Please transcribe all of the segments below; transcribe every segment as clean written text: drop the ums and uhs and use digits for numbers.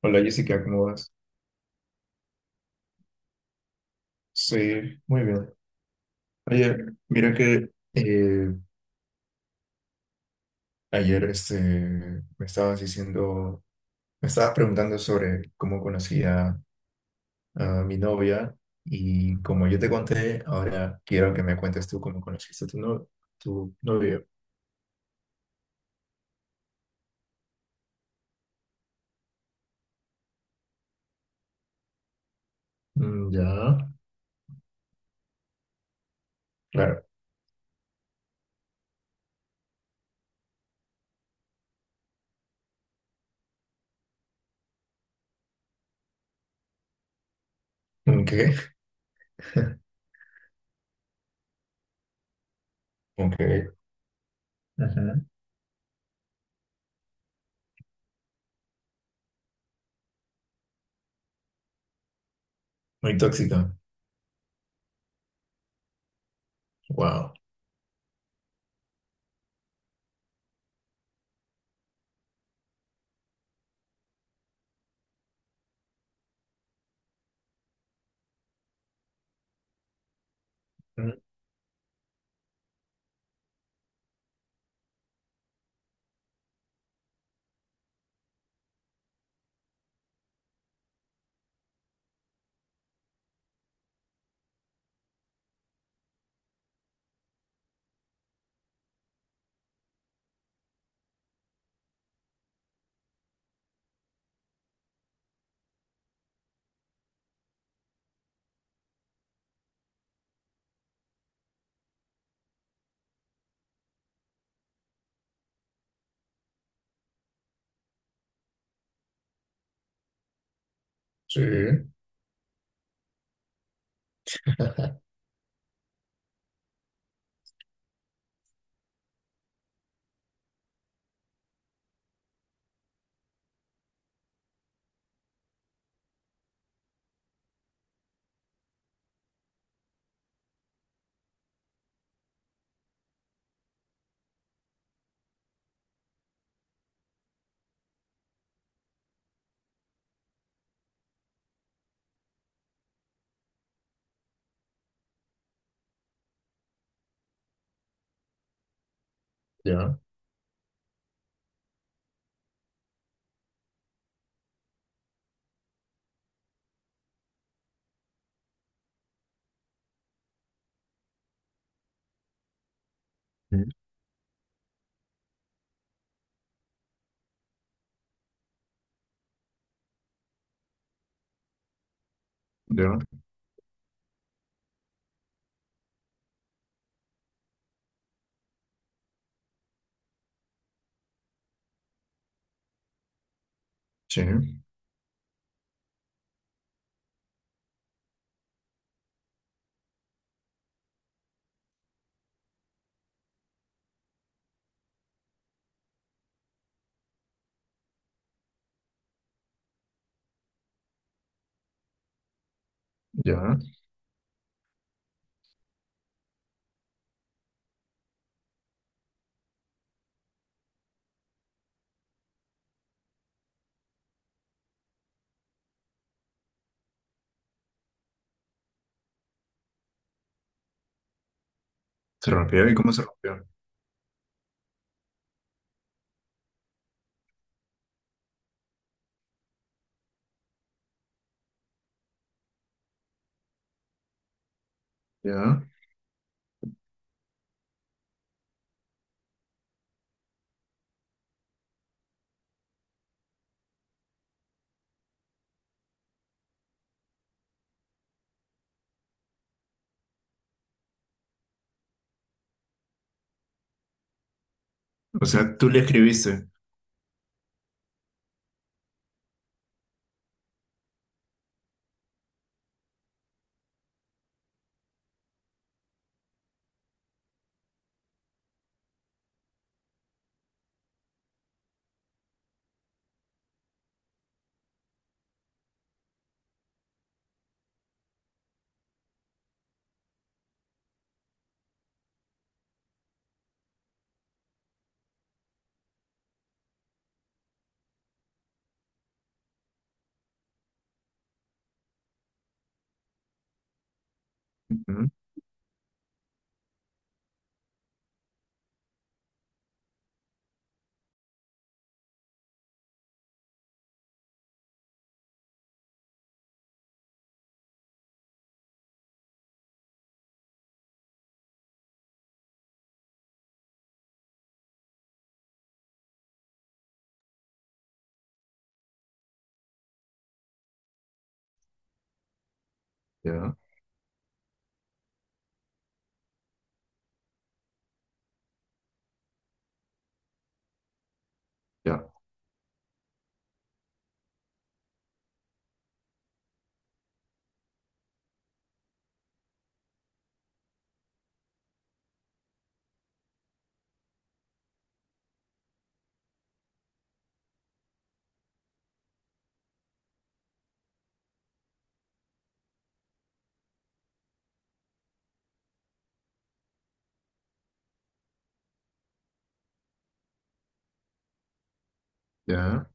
Hola Jessica, ¿cómo vas? Sí, muy bien. Oye, mira que ayer me estabas diciendo, me estabas preguntando sobre cómo conocía a mi novia y como yo te conté, ahora quiero que me cuentes tú cómo conociste a tu, no, tu novia. Mm, ya, claro. Ok, ok. Ajá. Muy tóxica. Wow. Mm, sí, ya. Mm, ya, sí, ya. Se rompió y cómo se rompió. Ya. O sea, tú le escribiste. Ujú, ya, ya, ya.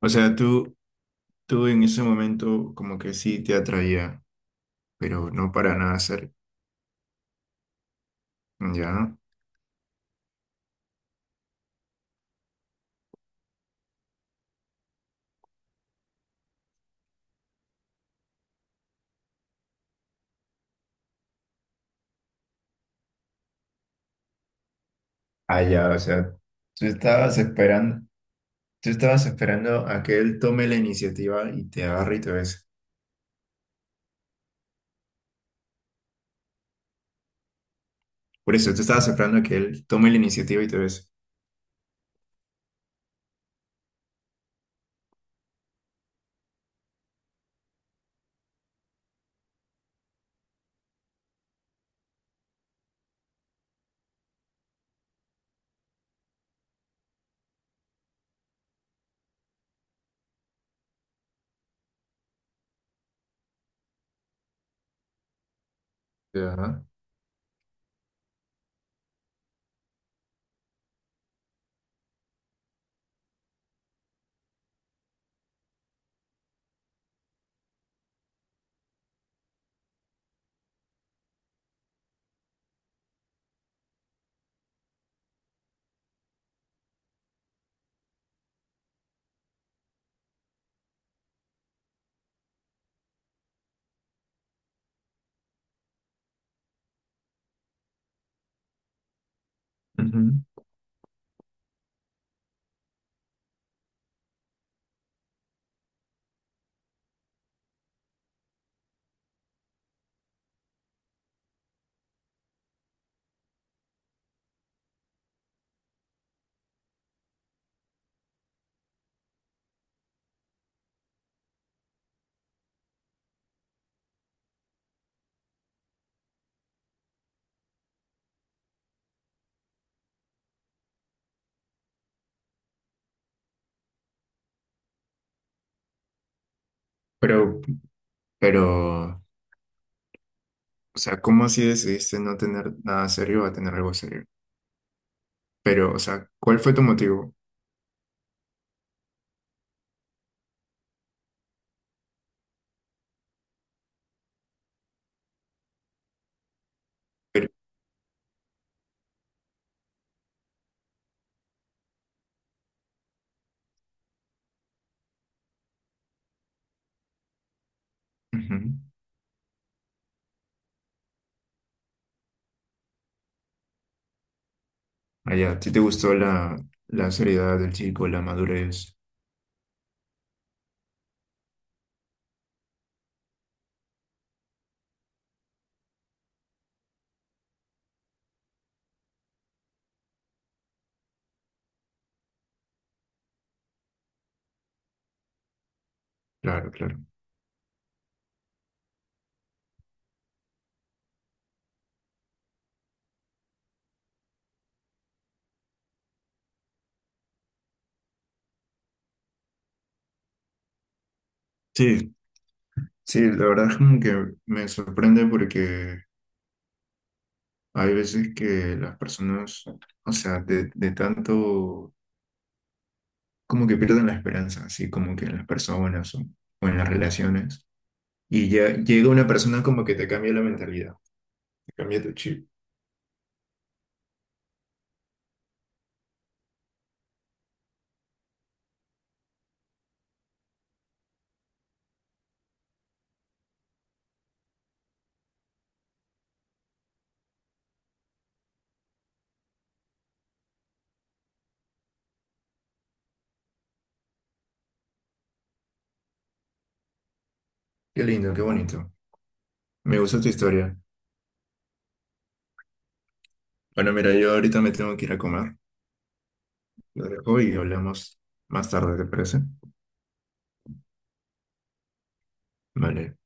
O sea, tú en ese momento como que sí te atraía, pero no para nada ser. Ya. Ah, ya, o sea, tú estabas esperando, tú estabas esperando a que él tome la iniciativa y te agarre y te bese. Por eso, tú estabas esperando a que él tome la iniciativa y te bese. Ya. Ujú. Pero, pero, o sea, ¿cómo así decidiste no tener nada serio a tener algo serio? Pero, o sea, ¿cuál fue tu motivo? Ujú. Ah, ya, ¿a ti te gustó la, la seriedad del chico, la madurez? Claro, claro. Sí, sí, la verdad es como que me sorprende porque hay veces que las personas, o sea, de tanto, como que pierden la esperanza, así como que en las personas o en las relaciones. Y ya llega una persona como que te cambia la mentalidad, te cambia tu chip. Qué lindo, qué bonito. Me gusta tu historia. Bueno, mira, yo ahorita me tengo que ir a comer. Lo dejo y hablamos más tarde, ¿te parece? Vale.